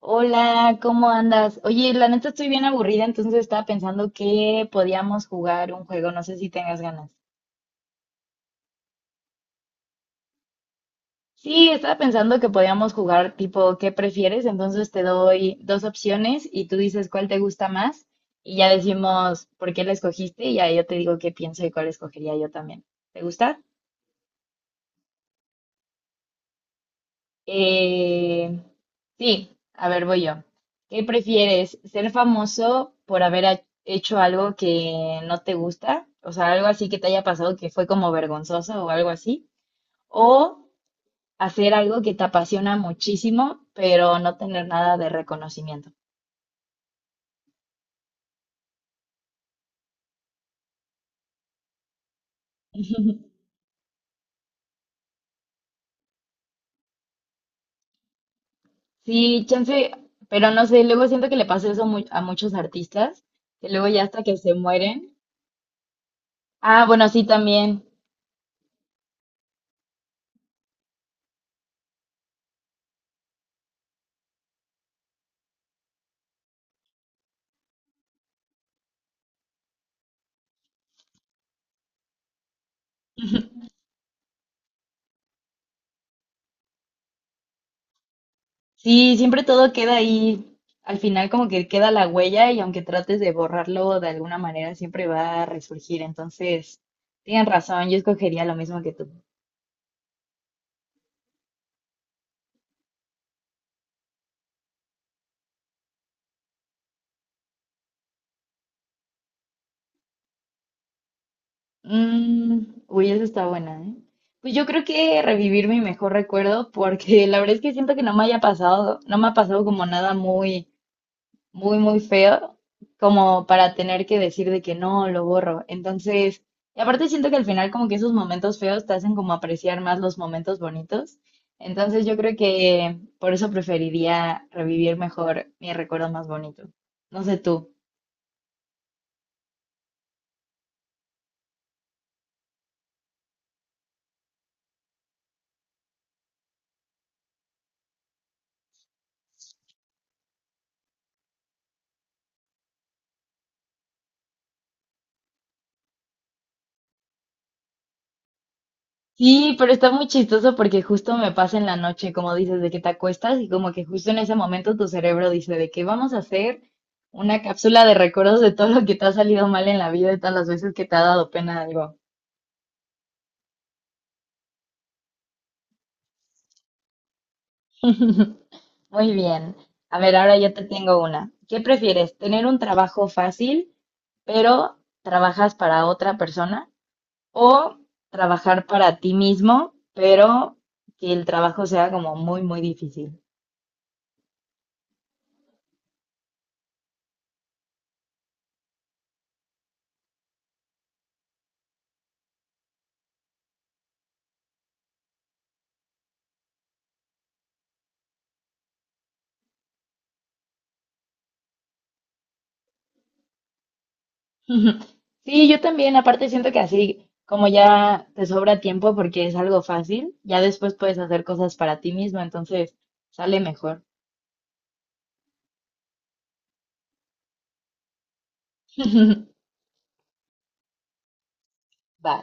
Hola, ¿cómo andas? Oye, la neta estoy bien aburrida, entonces estaba pensando que podíamos jugar un juego, no sé si tengas ganas. Sí, estaba pensando que podíamos jugar tipo ¿qué prefieres? Entonces te doy dos opciones y tú dices cuál te gusta más y ya decimos por qué la escogiste y ya yo te digo qué pienso y cuál escogería yo también. ¿Te gusta? Eh, sí, a ver, voy yo. ¿Qué prefieres? ¿Ser famoso por hecho algo que no te gusta? O sea, algo así que te haya pasado que fue como vergonzoso o algo así. ¿O hacer algo que te apasiona muchísimo, pero no tener nada de reconocimiento? Sí, chance, pero no sé, luego siento que le pasa a muchos artistas, que luego ya hasta que se mueren. Ah, bueno, sí, también. Sí, siempre todo queda ahí. Al final como que queda la huella y aunque trates de borrarlo de alguna manera, siempre va a resurgir. Entonces, tienen razón, yo escogería lo mismo que tú. Mm, uy, esa está buena, ¿eh? Pues yo creo que revivir mi mejor recuerdo porque la verdad es que siento que no me ha pasado como nada muy feo como para tener que decir de que no, lo borro. Entonces, y aparte siento que al final como que esos momentos feos te hacen como apreciar más los momentos bonitos. Entonces yo creo que por eso preferiría revivir mejor mi recuerdo más bonito. No sé tú. Sí, pero está muy chistoso porque justo me pasa en la noche, como dices, de que te acuestas y como que justo en ese momento tu cerebro dice de que vamos a hacer una cápsula de recuerdos de todo lo que te ha salido mal en la vida y todas las veces que te ha dado pena algo. Muy bien. A ver, ahora yo te tengo una. ¿Qué prefieres? ¿Tener un trabajo fácil, pero trabajas para otra persona? ¿O trabajar para ti mismo, pero que el trabajo sea como muy, muy difícil? Sí, yo también. Aparte siento que así, como ya te sobra tiempo porque es algo fácil, ya después puedes hacer cosas para ti mismo, entonces sale mejor. Va.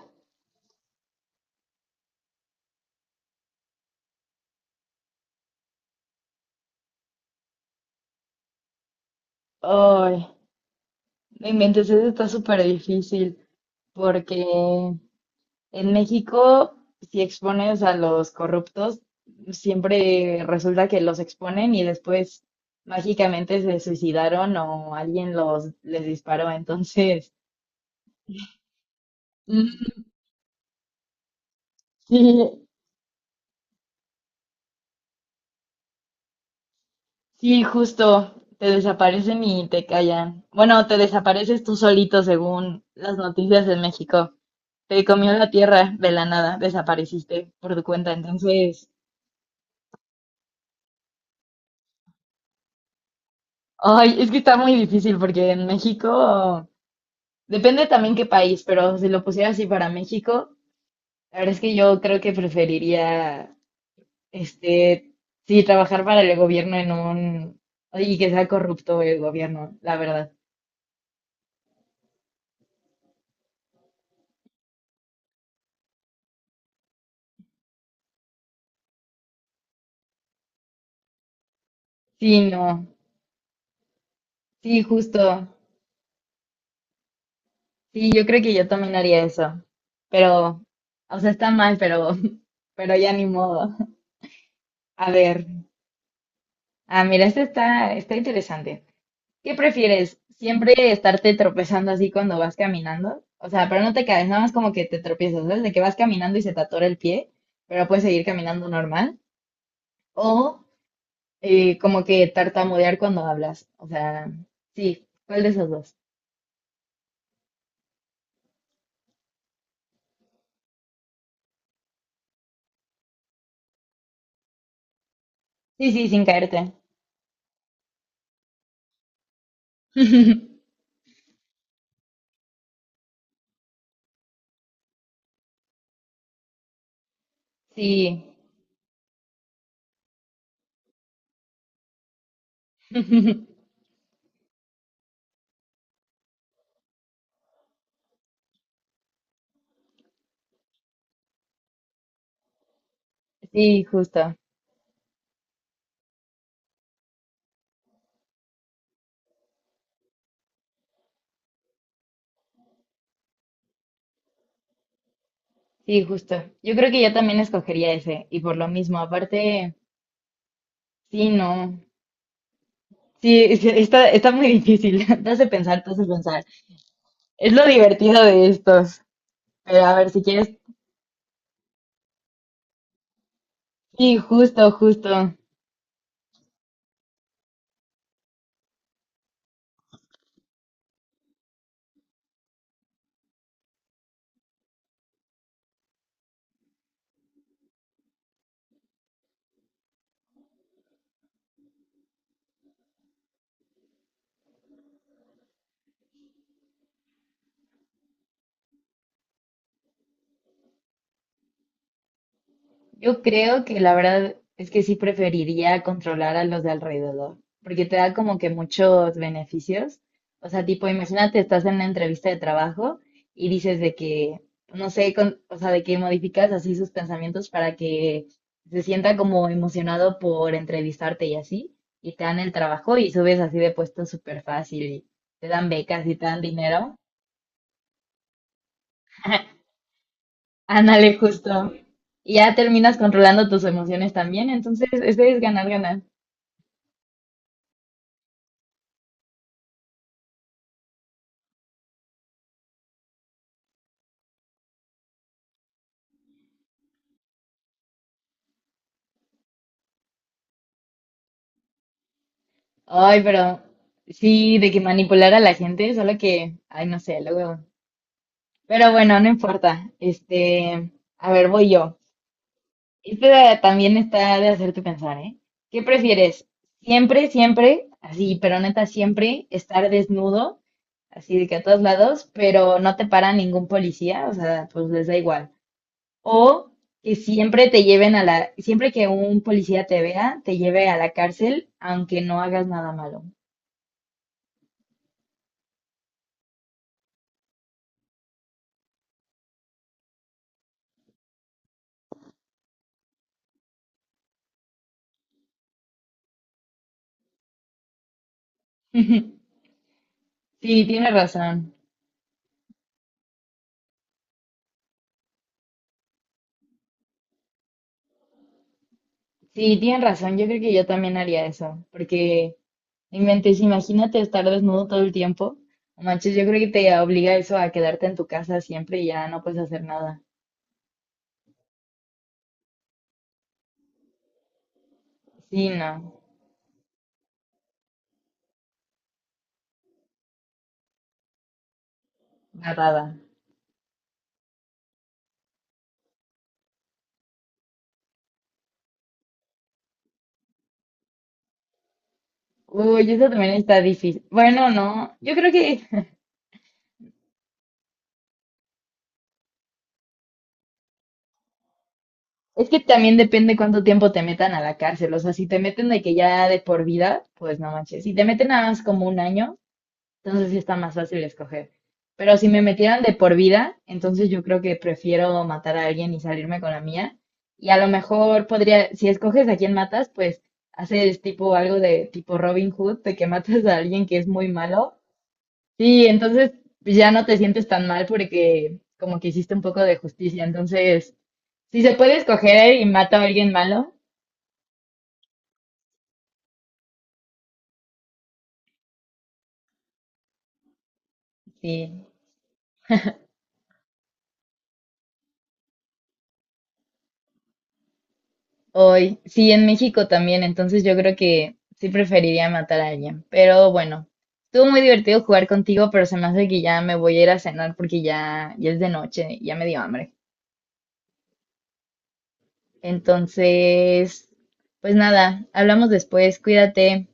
Ay, no inventes, eso está súper difícil. Porque en México, si expones a los corruptos, siempre resulta que los exponen y después mágicamente se suicidaron o alguien los les disparó. Entonces, mm, sí, sí, justo te desaparecen y te callan. Bueno, te desapareces tú solito según las noticias de México. Te comió la tierra de la nada, desapareciste por tu cuenta. Entonces, ay, es que está muy difícil porque en México depende también qué país, pero si lo pusiera así para México, la verdad es que yo creo que preferiría, este, sí, trabajar para el gobierno en un, y que sea corrupto el gobierno, la verdad. Sí, no, sí, justo. Sí, yo creo que yo también haría eso. Pero, o sea, está mal, pero, pero ya ni modo. A ver, ah, mira, está interesante. ¿Qué prefieres? ¿Siempre estarte tropezando así cuando vas caminando? O sea, pero no te caes, nada más como que te tropiezas, ¿sabes? De que vas caminando y se te atora el pie, pero puedes seguir caminando normal. O como que tartamudear cuando hablas. O sea, sí, ¿cuál de esos dos? Sí, sí, sin caerte. Sí, sí, justo, sí, justo. Yo creo que yo también escogería ese, y por lo mismo, aparte, sí, no. Sí, está, está muy difícil. Te hace pensar, te hace pensar. Es lo divertido de estos. Pero a ver, si quieres. Sí, justo, justo. Yo creo que la verdad es que sí preferiría controlar a los de alrededor, porque te da como que muchos beneficios. O sea, tipo, imagínate, estás en una entrevista de trabajo y dices de que, no sé, o sea, de que modificas así sus pensamientos para que se sienta como emocionado por entrevistarte y así, y te dan el trabajo y subes así de puesto súper fácil y te dan becas y te dan dinero. Ándale, justo. Y ya terminas controlando tus emociones también, entonces ese es ganar, ganar. Ay, pero sí, de que manipular a la gente, solo que, ay, no sé, luego. Pero bueno, no importa. Este, a ver, voy yo. Este también está de hacerte pensar, ¿eh? ¿Qué prefieres? Siempre, así, pero neta, siempre estar desnudo, así de que a todos lados, pero no te para ningún policía, o sea, pues les da igual. O que siempre te lleven a la, siempre que un policía te vea, te lleve a la cárcel, aunque no hagas nada malo. Sí, tienes razón. Sí, tienes razón. Yo creo que yo también haría eso, porque en mente, si imagínate estar desnudo todo el tiempo. No manches, yo creo que te obliga eso a quedarte en tu casa siempre y ya no puedes hacer nada. Sí, no, nada. Uy, eso también está difícil. Bueno, no, yo creo que es que también depende cuánto tiempo te metan a la cárcel. O sea, si te meten de que ya de por vida, pues no manches. Si te meten nada más como un año, entonces sí está más fácil escoger. Pero si me metieran de por vida, entonces yo creo que prefiero matar a alguien y salirme con la mía. Y a lo mejor podría, si escoges a quién matas, pues haces tipo algo de tipo Robin Hood, de que matas a alguien que es muy malo. Sí, entonces ya no te sientes tan mal porque como que hiciste un poco de justicia. Entonces, si se puede escoger y mato a alguien malo, sí. Hoy, sí, en México también, entonces yo creo que sí preferiría matar a alguien. Pero bueno, estuvo muy divertido jugar contigo, pero se me hace que ya me voy a ir a cenar porque ya es de noche y ya me dio hambre. Entonces, pues nada, hablamos después, cuídate.